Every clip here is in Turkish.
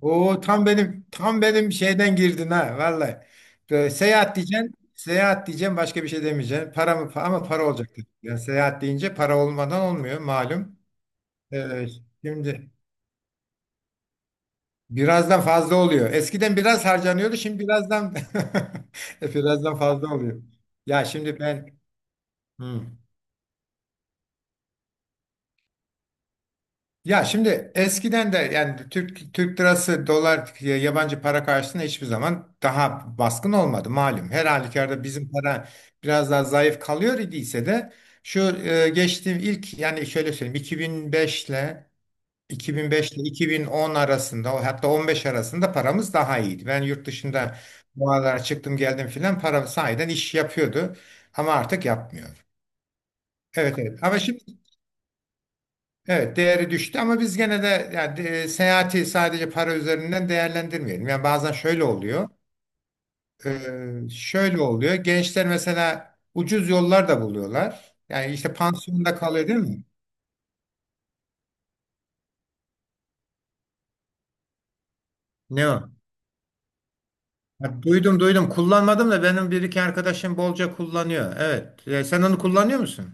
Oo tam benim şeyden girdin ha vallahi. Böyle seyahat diyeceksin, seyahat diyeceğim, başka bir şey demeyeceksin. Ama para olacak. Yani seyahat deyince para olmadan olmuyor malum. Ee, Şimdi birazdan fazla oluyor. Eskiden biraz harcanıyordu, şimdi birazdan fazla oluyor. Ya şimdi ben hmm. Ya şimdi eskiden de, yani Türk lirası dolar yabancı para karşısında hiçbir zaman daha baskın olmadı malum. Her halükarda bizim para biraz daha zayıf kalıyor idiyse de şu geçtiğim ilk, yani şöyle söyleyeyim, 2005 ile 2010 arasında, o hatta 15 arasında paramız daha iyiydi. Ben yurt dışında bu aralar çıktım geldim filan, para sahiden iş yapıyordu ama artık yapmıyor. Evet evet, ama şimdi evet, değeri düştü ama biz gene de, yani, seyahati sadece para üzerinden değerlendirmeyelim. Yani bazen şöyle oluyor. Şöyle oluyor. Gençler mesela ucuz yollar da buluyorlar. Yani işte pansiyonda kalıyor, değil mi? Ne o? Ya duydum duydum. Kullanmadım da benim bir iki arkadaşım bolca kullanıyor. Evet. Sen onu kullanıyor musun?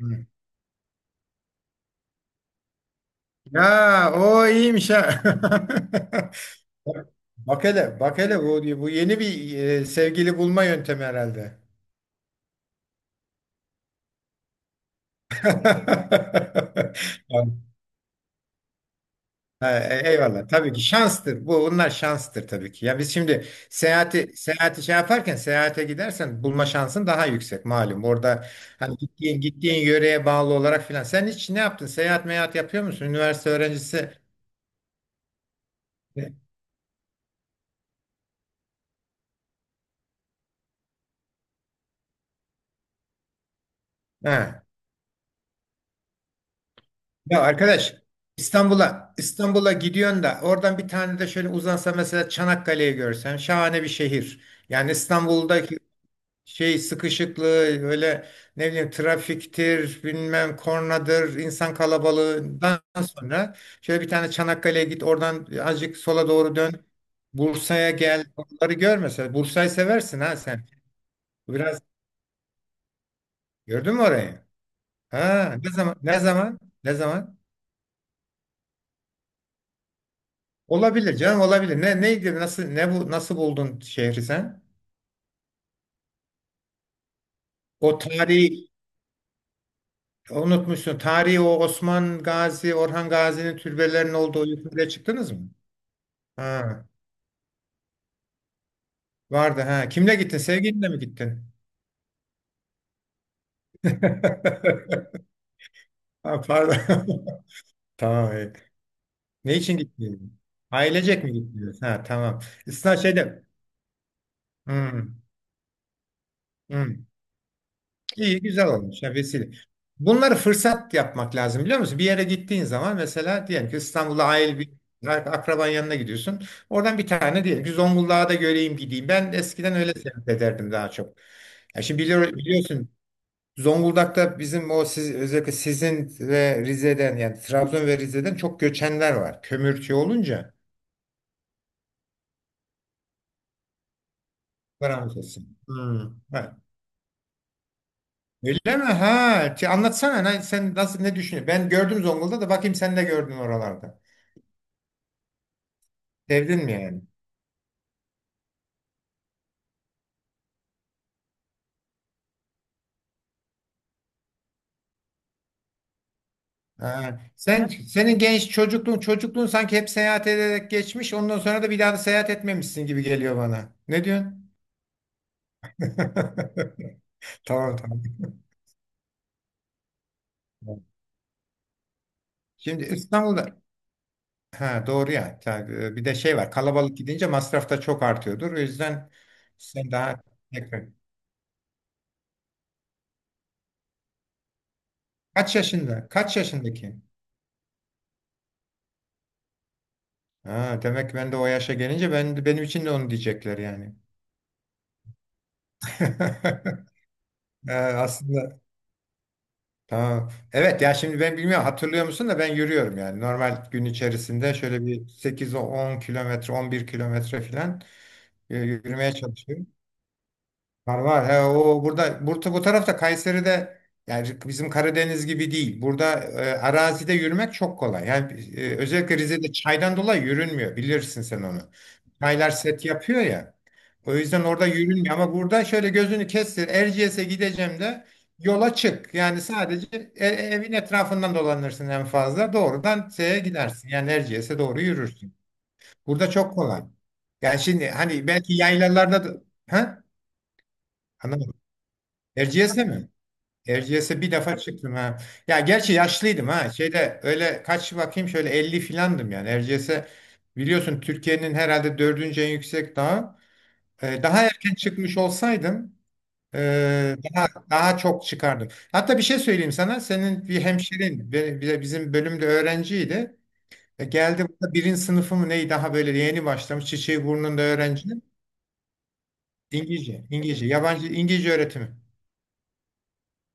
Hı. Ya o iyiymiş ha. Bak hele, bak hele, bu, bu yeni bir sevgili bulma yöntemi herhalde. Yani, ha, eyvallah. Tabii ki şanstır. Bu bunlar şanstır tabii ki. Ya biz şimdi seyahati şey yaparken, seyahate gidersen bulma şansın daha yüksek malum. Orada hani gittiğin yöreye bağlı olarak filan. Sen hiç ne yaptın? Seyahat meyahat yapıyor musun? Üniversite öğrencisi. e, Ha. Ya arkadaş, İstanbul'a gidiyorsun da oradan bir tane de şöyle uzansa, mesela Çanakkale'yi görsen, şahane bir şehir. Yani İstanbul'daki şey sıkışıklığı, öyle ne bileyim trafiktir, bilmem kornadır, insan kalabalığından sonra şöyle bir tane Çanakkale'ye git, oradan azıcık sola doğru dön, Bursa'ya gel, oraları gör. Mesela Bursa'yı seversin ha sen. Biraz gördün mü orayı, ha? Ne zaman? Olabilir canım, olabilir. Ne neydi, nasıl? Ne bu, nasıl buldun şehri sen? O tarihi, unutmuşsun tarihi. O Osman Gazi, Orhan Gazi'nin türbelerinin olduğu yukarıya çıktınız mı? Ha. Vardı ha. Kimle gittin? Sevgilinle mi gittin? Ha, pardon. Tamam. iyi. Ne için gittin? Ailecek mi gittiniz? Ha, tamam. İsna şeyde. Hmm, hmm. İyi, güzel olmuş. Ha, vesile. Bunları fırsat yapmak lazım, biliyor musun? Bir yere gittiğin zaman, mesela diyelim ki İstanbul'a, aile, bir akraban yanına gidiyorsun. Oradan bir tane diyelim ki Zonguldak'a da göreyim, gideyim. Ben eskiden öyle seyahat ederdim daha çok. Ya şimdi biliyorsun Zonguldak'ta bizim o siz, özellikle sizin ve Rize'den, yani Trabzon ve Rize'den çok göçenler var. Kömürcü olunca paramız olsun. Hmm. Ha. Öyle mi? Ha. Ki, anlatsana lan, sen nasıl, ne düşünüyorsun? Ben gördüm Zonguldak'ta, bakayım sen de gördün oralarda. Sevdin mi yani? Ha. Sen, senin genç çocukluğun sanki hep seyahat ederek geçmiş. Ondan sonra da bir daha da seyahat etmemişsin gibi geliyor bana. Ne diyorsun? Tamam tamam. Şimdi İstanbul'da. Ha doğru ya. Tabii, bir de şey var. Kalabalık gidince masraf da çok artıyordur. O yüzden sen daha, tekrar. Kaç yaşında? Kaç yaşındaki? Ha, demek ki ben de o yaşa gelince, ben, benim için de onu diyecekler yani. Aslında tamam. Evet ya şimdi ben bilmiyorum, hatırlıyor musun da ben yürüyorum yani. Normal gün içerisinde şöyle bir 8 10 kilometre, 11 kilometre falan yürümeye çalışıyorum. Var var. He, o burada, bu tarafta Kayseri'de, yani bizim Karadeniz gibi değil. Burada arazide yürümek çok kolay. Yani özellikle Rize'de çaydan dolayı yürünmüyor. Bilirsin sen onu. Çaylar set yapıyor ya. O yüzden orada yürünmüyor, ama burada şöyle gözünü kestir. Erciyes'e gideceğim de yola çık. Yani sadece evin etrafından dolanırsın en fazla. Doğrudan şeye gidersin. Yani Erciyes'e doğru yürürsün. Burada çok kolay. Yani şimdi hani belki yaylalarda da... Ha? Erciyes'e mi? Erciyes'e bir defa çıktım ha. Ya gerçi yaşlıydım ha. Şeyde öyle kaç bakayım, şöyle 50 filandım yani. Erciyes'e biliyorsun Türkiye'nin herhalde dördüncü en yüksek dağı. Daha erken çıkmış olsaydım, daha çok çıkardım. Hatta bir şey söyleyeyim sana. Senin bir hemşerin bir de bizim bölümde öğrenciydi. E, geldi burada, birinci sınıfı mı neyi, daha böyle yeni başlamış. Çiçeği burnunda öğrenci. İngilizce. İngilizce. Yabancı İngilizce öğretimi.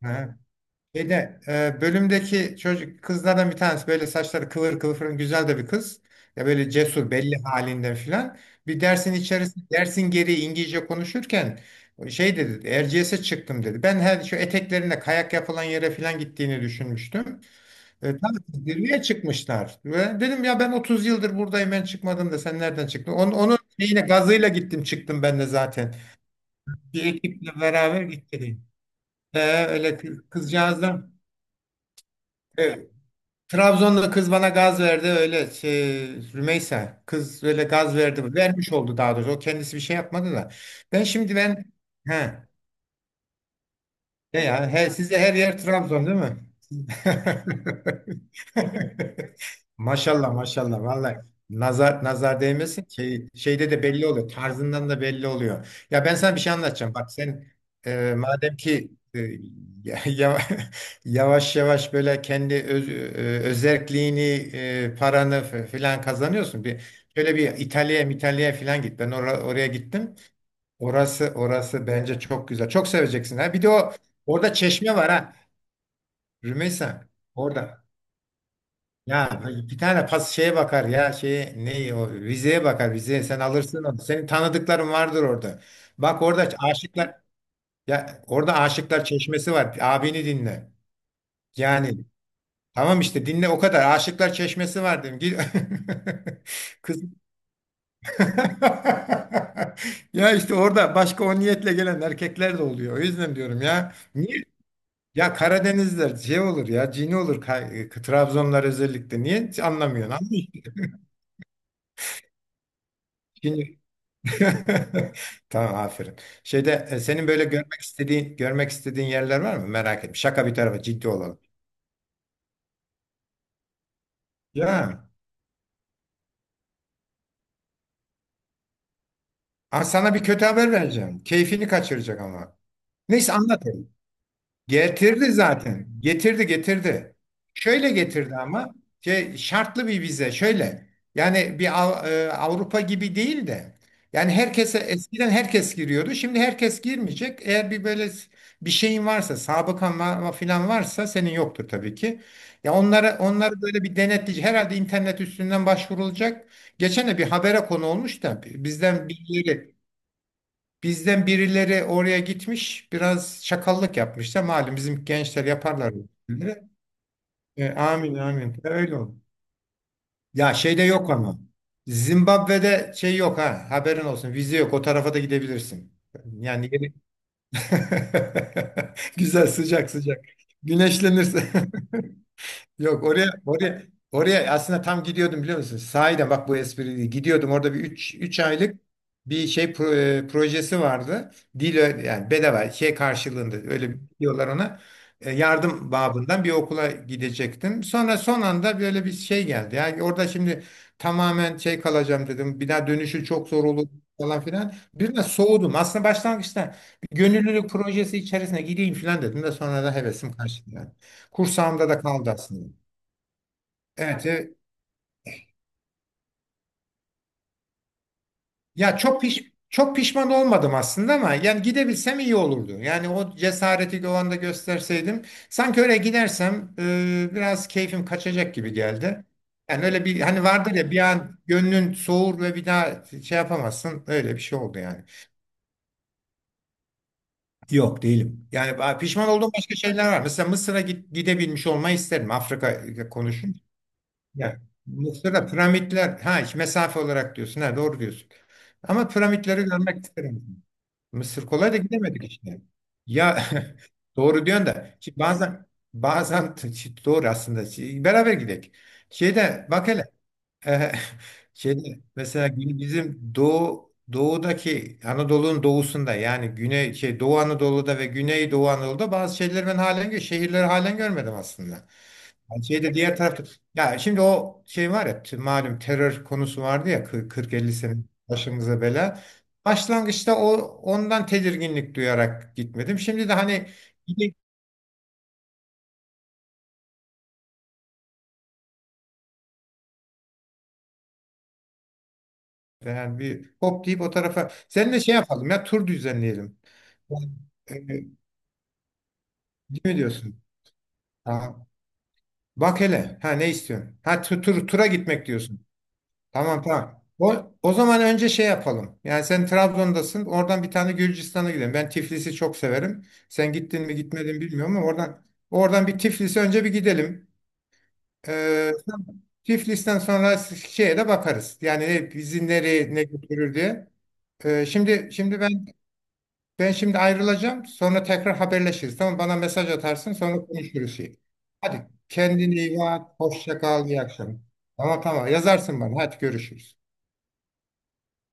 Ha. Şeyde, bölümdeki çocuk kızlardan bir tanesi, böyle saçları kıvır kıvır, güzel de bir kız. Ya böyle cesur, belli halinden filan. Bir dersin içerisinde, dersin geri İngilizce konuşurken, şey dedi, Erciyes'e çıktım dedi. Ben her şu eteklerinde kayak yapılan yere filan gittiğini düşünmüştüm. Tam zirveye çıkmışlar. Ve dedim ya, ben 30 yıldır buradayım, ben çıkmadım da sen nereden çıktın? Onun şeyine gazıyla gittim, çıktım ben de zaten. Bir ekiple beraber gittik. E, öyle kızcağızdan. Evet. Trabzon'da kız bana gaz verdi, öyle şey, Rümeysa kız öyle gaz verdi, vermiş oldu daha doğrusu, o kendisi bir şey yapmadı da ben şimdi, he ne ya, he sizde her yer Trabzon değil mi? Maşallah maşallah vallahi, nazar nazar değmesin, şey, şeyde de belli oluyor, tarzından da belli oluyor. Ya ben sana bir şey anlatacağım. Bak sen, madem ki, ya- ya- yavaş yavaş böyle kendi öz, özerkliğini, paranı filan kazanıyorsun. Bir, şöyle bir İtalya'ya filan git. Ben oraya gittim. Orası orası bence çok güzel. Çok seveceksin ha. Bir de o, orada çeşme var ha. Rümeysa orada. Ya bir tane şeye bakar ya, şeye, ne o, vizeye bakar, vizeye, sen alırsın onu. Senin tanıdıkların vardır orada. Bak orada aşıklar, ya, orada aşıklar çeşmesi var. Abini dinle. Yani tamam, işte dinle o kadar. Aşıklar çeşmesi var dedim. Git. Kız. Ya işte orada başka o niyetle gelen erkekler de oluyor. O yüzden diyorum ya. Niye? Ya Karadenizler şey olur ya, cini olur, Trabzonlar özellikle. Niye anlamıyorsun? Anlıyorsun. Tamam, aferin. Şeyde, senin böyle görmek istediğin yerler var mı? Merak etme. Şaka bir tarafa, ciddi olalım. Ya. Aa, sana bir kötü haber vereceğim. Keyfini kaçıracak ama. Neyse, anlat. Getirdi zaten. Getirdi getirdi. Şöyle getirdi ama şey, şartlı bir vize şöyle. Yani bir Avrupa gibi değil de, yani herkese, eskiden herkes giriyordu. Şimdi herkes girmeyecek. Eğer bir böyle bir şeyin varsa, sabıkan falan varsa, senin yoktur tabii ki. Ya onlara, onları böyle bir denetleyici, herhalde internet üstünden başvurulacak. Geçen de bir habere konu olmuş da, bizden birileri oraya gitmiş, biraz şakallık yapmışlar. Malum bizim gençler yaparlar bu şeyleri. Amin amin. Öyle oldu. Ya şeyde yok ama. Zimbabwe'de şey yok ha. Haberin olsun. Vize yok. O tarafa da gidebilirsin. Yani güzel, sıcak sıcak. Güneşlenirsin. Yok, oraya oraya aslında tam gidiyordum, biliyor musun? Sahiden bak, bu espri değil. Gidiyordum, orada bir 3 aylık bir şey projesi vardı. Yani bedava şey karşılığında öyle diyorlar ona. Yardım babından bir okula gidecektim. Sonra son anda böyle bir şey geldi. Yani orada şimdi tamamen şey kalacağım dedim. Bir daha dönüşü çok zor olur falan filan. Biraz soğudum. Aslında başlangıçta bir gönüllülük projesi içerisine gideyim filan dedim de sonra da hevesim kaçtı yani. Kursağımda da kaldı aslında. Evet, evet. Ya çok pişman olmadım aslında ama yani gidebilsem iyi olurdu. Yani o cesareti o anda gösterseydim, sanki öyle gidersem biraz keyfim kaçacak gibi geldi. Yani öyle bir hani vardır ya, bir an gönlün soğur ve bir daha şey yapamazsın. Öyle bir şey oldu yani. Yok, değilim. Yani pişman olduğum başka şeyler var. Mesela Mısır'a gidebilmiş olmayı isterim. Afrika, konuşun. Ya Mısır'da piramitler ha, işte mesafe olarak diyorsun. Ha, doğru diyorsun. Ama piramitleri görmek isterim. Mısır kolay da gidemedik işte. Ya, doğru diyorsun da, ki bazen doğru aslında. Beraber gidelim. Şeyde bak hele, e, şeyde mesela, bizim doğudaki Anadolu'nun doğusunda, yani güney şey, Doğu Anadolu'da ve Güney Doğu Anadolu'da bazı şeyleri ben halen, şehirleri halen görmedim aslında. Yani şeyde diğer tarafta, ya şimdi o şey var ya, malum terör konusu vardı ya, 40-50 sene başımıza bela. Başlangıçta o, ondan tedirginlik duyarak gitmedim. Şimdi de hani gide- yani bir hop deyip o tarafa seninle şey yapalım, ya tur düzenleyelim. Yani, e, ne diyorsun? Ha, bak hele ha, ne istiyorsun? Ha, tur, tura gitmek diyorsun. Tamam tamam. O zaman önce şey yapalım. Yani sen Trabzon'dasın. Oradan bir tane Gürcistan'a gidelim. Ben Tiflis'i çok severim. Sen gittin mi gitmedin mi bilmiyorum ama oradan bir Tiflis'e önce bir gidelim. Ee, Tiflis'ten sonra şeye de bakarız. Yani bizi nereye ne götürür diye. Şimdi ben ayrılacağım. Sonra tekrar haberleşiriz. Tamam, bana mesaj atarsın, sonra konuşuruz şey. Hadi kendine iyi bak. Hoşça kal. İyi akşamlar. Tamam tamam, yazarsın bana. Hadi görüşürüz.